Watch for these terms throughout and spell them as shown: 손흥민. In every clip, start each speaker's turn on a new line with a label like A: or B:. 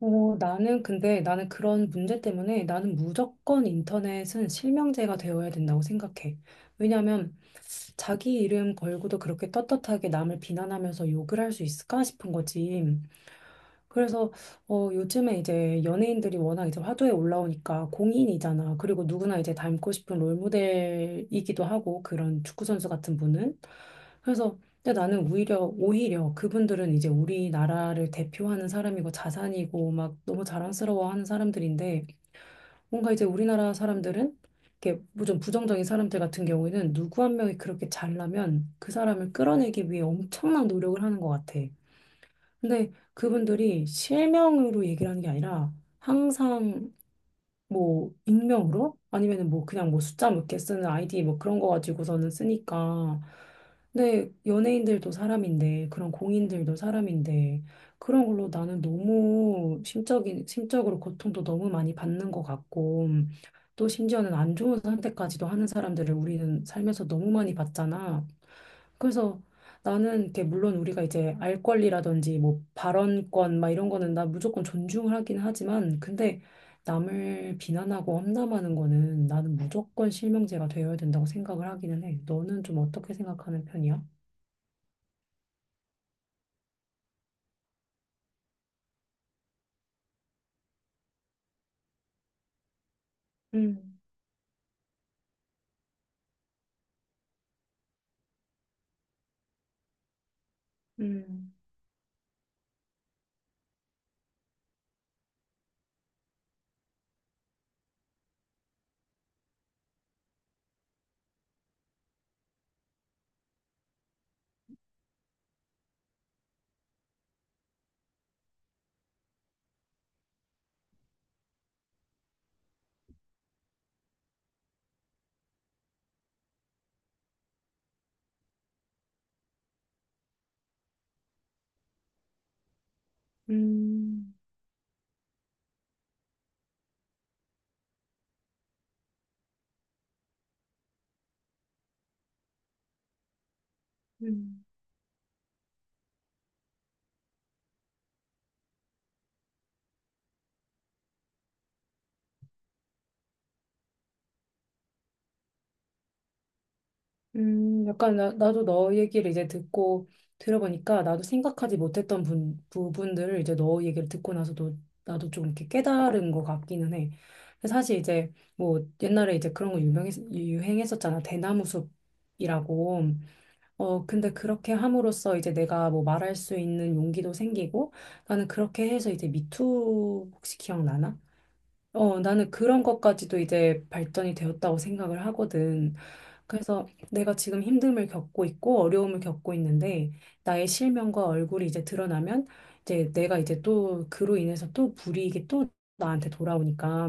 A: 어, 나는 근데 나는 그런 문제 때문에 나는 무조건 인터넷은 실명제가 되어야 된다고 생각해. 왜냐하면 자기 이름 걸고도 그렇게 떳떳하게 남을 비난하면서 욕을 할 수 있을까 싶은 거지. 그래서 요즘에 이제 연예인들이 워낙 이제 화두에 올라오니까 공인이잖아. 그리고 누구나 이제 닮고 싶은 롤모델이기도 하고, 그런 축구 선수 같은 분은. 그래서 근데 나는 오히려 그분들은 이제 우리나라를 대표하는 사람이고 자산이고 막 너무 자랑스러워하는 사람들인데, 뭔가 이제 우리나라 사람들은, 이렇게 뭐좀 부정적인 사람들 같은 경우에는 누구 한 명이 그렇게 잘나면 그 사람을 끌어내기 위해 엄청난 노력을 하는 것 같아. 근데 그분들이 실명으로 얘기를 하는 게 아니라, 항상 뭐 익명으로 아니면은 뭐 그냥 뭐 숫자 몇 개 쓰는 아이디 뭐 그런 거 가지고서는 쓰니까. 근데 연예인들도 사람인데, 그런 공인들도 사람인데, 그런 걸로 나는 너무 심적인 심적으로 고통도 너무 많이 받는 것 같고, 또 심지어는 안 좋은 선택까지도 하는 사람들을 우리는 살면서 너무 많이 봤잖아. 그래서 나는 이렇게, 물론 우리가 이제 알 권리라든지 뭐 발언권 막 이런 거는 나 무조건 존중하긴 하지만, 근데 남을 비난하고 험담하는 거는 나는 무조건 실명제가 되어야 된다고 생각을 하기는 해. 너는 좀 어떻게 생각하는 편이야? 음. 음. 음. 음. 약간 나도 너 얘기를 이제 듣고 들어보니까, 나도 생각하지 못했던 부분들을 이제 너 얘기를 듣고 나서도 나도 좀 이렇게 깨달은 것 같기는 해. 근데 사실 이제 뭐 옛날에 이제 그런 거 유행했었잖아. 대나무숲이라고. 어, 근데 그렇게 함으로써 이제 내가 뭐 말할 수 있는 용기도 생기고, 나는 그렇게 해서 이제 미투, 혹시 기억나나? 어, 나는 그런 것까지도 이제 발전이 되었다고 생각을 하거든. 그래서 내가 지금 힘듦을 겪고 있고 어려움을 겪고 있는데, 나의 실명과 얼굴이 이제 드러나면, 이제 내가 이제 또 그로 인해서 또 불이익이 또 나한테 돌아오니까,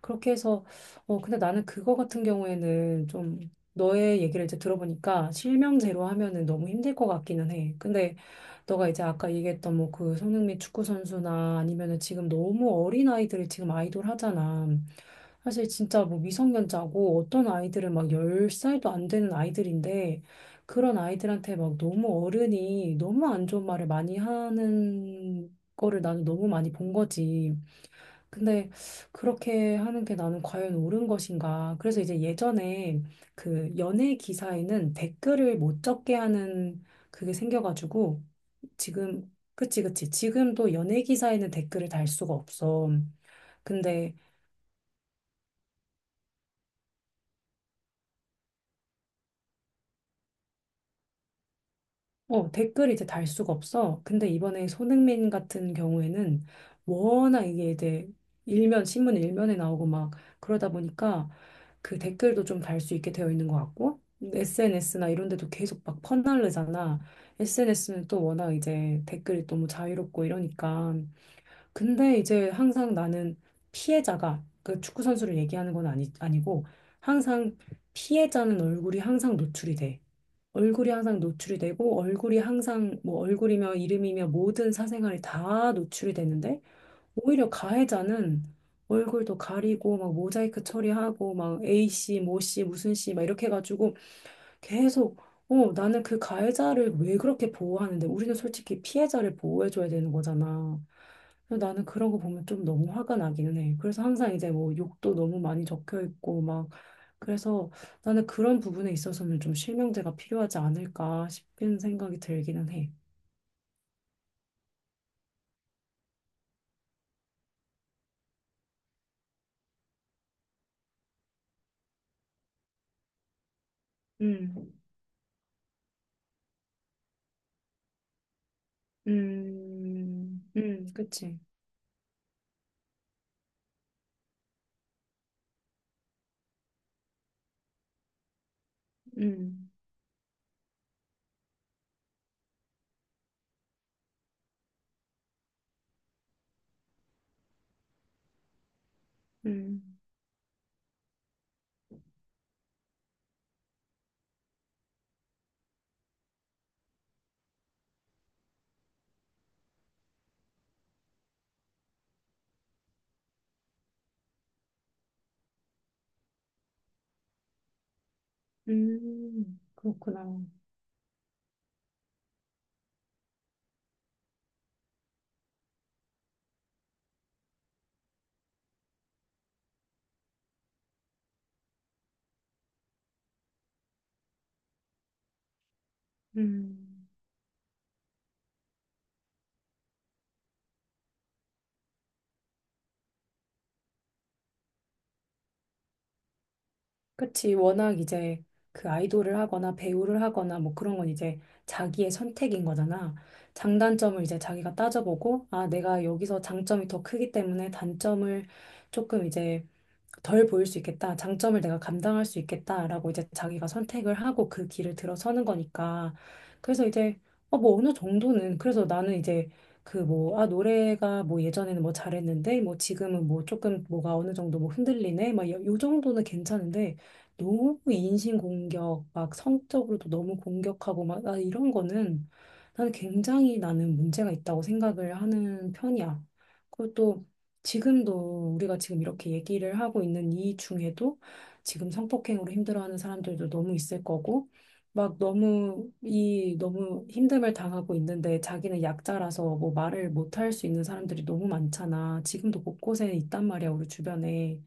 A: 그렇게 해서. 근데 나는 그거 같은 경우에는 좀, 너의 얘기를 이제 들어보니까 실명대로 하면은 너무 힘들 것 같기는 해. 근데 너가 이제 아까 얘기했던 뭐 그 손흥민 축구 선수나, 아니면은 지금 너무 어린 아이들을 지금 아이돌 하잖아. 사실 진짜 뭐 미성년자고, 어떤 아이들은 막 10살도 안 되는 아이들인데, 그런 아이들한테 막 너무 어른이 너무 안 좋은 말을 많이 하는 거를 나는 너무 많이 본 거지. 근데 그렇게 하는 게 나는 과연 옳은 것인가? 그래서 이제 예전에 그 연예 기사에는 댓글을 못 적게 하는 그게 생겨가지고, 지금, 그치, 그치, 지금도 연예 기사에는 댓글을 달 수가 없어. 근데 댓글 이제 달 수가 없어. 근데 이번에 손흥민 같은 경우에는 워낙 이게 이제 신문 일면에 나오고 막 그러다 보니까, 그 댓글도 좀 달 수 있게 되어 있는 것 같고, SNS나 이런 데도 계속 막 퍼날르잖아. SNS는 또 워낙 이제 댓글이 너무 자유롭고 이러니까. 근데 이제 항상 나는 피해자가, 그 축구 선수를 얘기하는 건 아니, 아니고, 항상 피해자는 얼굴이 항상 노출이 돼. 얼굴이 항상 노출이 되고, 얼굴이 항상 뭐 얼굴이며 이름이며 모든 사생활이 다 노출이 되는데, 오히려 가해자는 얼굴도 가리고 막 모자이크 처리하고 막 A 씨, 모 씨, 무슨 씨 막 이렇게 해가지고 계속. 나는 그 가해자를 왜 그렇게 보호하는데, 우리는 솔직히 피해자를 보호해줘야 되는 거잖아. 그래서 나는 그런 거 보면 좀 너무 화가 나기는 해. 그래서 항상 이제 뭐 욕도 너무 많이 적혀 있고 막, 그래서 나는 그런 부분에 있어서는 좀 실명제가 필요하지 않을까 싶은 생각이 들기는 해. 음. 음. 그치? 음. 음. 그렇구나. 음. 그치. 워낙 이제 그 아이돌을 하거나 배우를 하거나 뭐 그런 건 이제 자기의 선택인 거잖아. 장단점을 이제 자기가 따져보고, 아, 내가 여기서 장점이 더 크기 때문에 단점을 조금 이제 덜 보일 수 있겠다, 장점을 내가 감당할 수 있겠다라고 이제 자기가 선택을 하고 그 길을 들어서는 거니까. 그래서 이제, 뭐 어느 정도는, 그래서 나는 이제 그 뭐, 아, 노래가 뭐 예전에는 뭐 잘했는데 뭐 지금은 뭐 조금 뭐가 어느 정도 뭐 흔들리네, 막 요 정도는 괜찮은데, 너무 인신공격, 막 성적으로도 너무 공격하고 막, 아, 이런 거는 나는 굉장히 나는 문제가 있다고 생각을 하는 편이야. 그리고 또 지금도 우리가 지금 이렇게 얘기를 하고 있는 이 중에도 지금 성폭행으로 힘들어하는 사람들도 너무 있을 거고, 막 너무 이 너무 힘듦을 당하고 있는데 자기는 약자라서 뭐 말을 못할 수 있는 사람들이 너무 많잖아. 지금도 곳곳에 있단 말이야, 우리 주변에.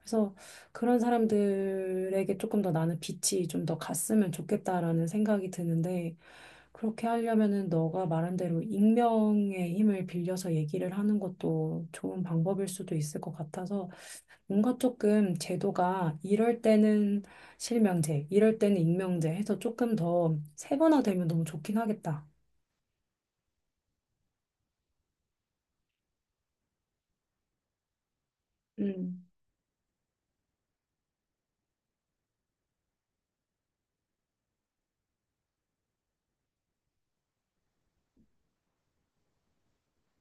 A: 그래서 그런 사람들에게 조금 더 나는 빛이 좀 더 갔으면 좋겠다라는 생각이 드는데, 그렇게 하려면은 너가 말한 대로 익명의 힘을 빌려서 얘기를 하는 것도 좋은 방법일 수도 있을 것 같아서, 뭔가 조금 제도가, 이럴 때는 실명제, 이럴 때는 익명제 해서 조금 더 세분화되면 너무 좋긴 하겠다. 음.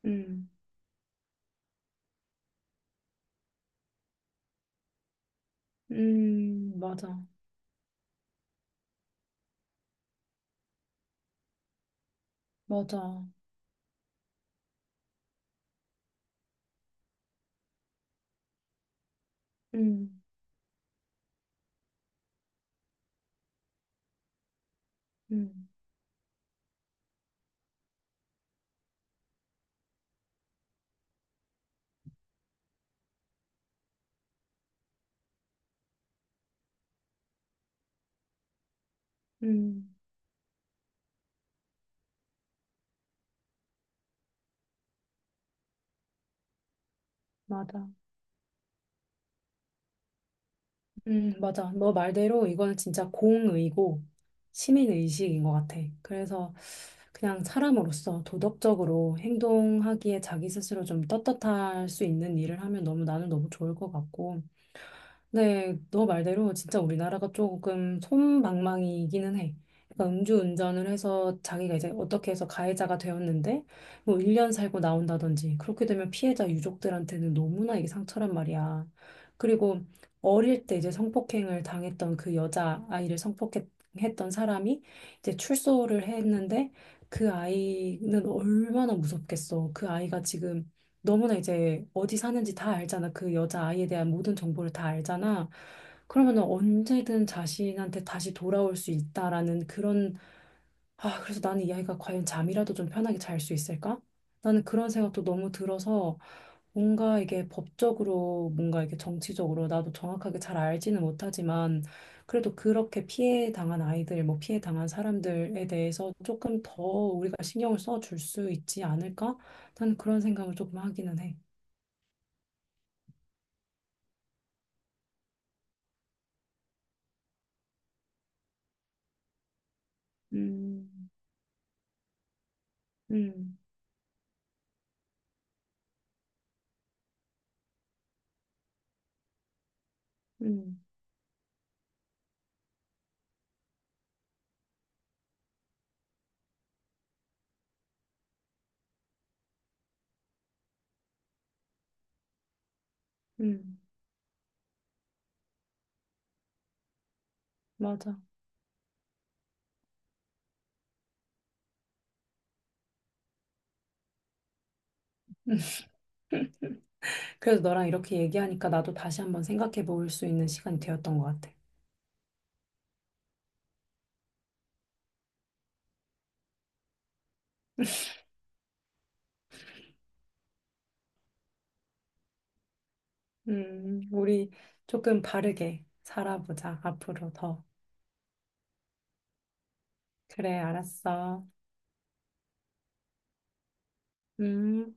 A: 음. 맞아. 맞아. 음. 음. 음, 맞아. 맞아. 너 말대로 이거는 진짜 공의고 시민의식인 것 같아. 그래서 그냥 사람으로서 도덕적으로 행동하기에 자기 스스로 좀 떳떳할 수 있는 일을 하면 너무 나는 너무 좋을 것 같고. 네, 너 말대로 진짜 우리나라가 조금 솜방망이이기는 해. 그러니까 음주운전을 해서 자기가 이제 어떻게 해서 가해자가 되었는데 뭐 1년 살고 나온다든지, 그렇게 되면 피해자 유족들한테는 너무나 이게 상처란 말이야. 그리고 어릴 때 이제 성폭행을 당했던 그 여자 아이를 성폭행했던 사람이 이제 출소를 했는데, 그 아이는 얼마나 무섭겠어. 그 아이가 지금 너무나 이제 어디 사는지 다 알잖아. 그 여자아이에 대한 모든 정보를 다 알잖아. 그러면 언제든 자신한테 다시 돌아올 수 있다라는 그런 아, 그래서 나는 이 아이가 과연 잠이라도 좀 편하게 잘 수 있을까? 나는 그런 생각도 너무 들어서, 뭔가 이게 법적으로, 뭔가 이게 정치적으로 나도 정확하게 잘 알지는 못하지만, 그래도 그렇게 피해 당한 아이들, 뭐 피해 당한 사람들에 대해서 조금 더 우리가 신경을 써줄 수 있지 않을까? 나는 그런 생각을 조금 하기는 해. 음. 음. 음. 음, 맞아. 그래도 너랑 이렇게 얘기하니까 나도 다시 한번 생각해 볼 수 있는 시간이 되었던 것 같아. 우리 조금 바르게 살아보자, 앞으로 더. 그래, 알았어. 음.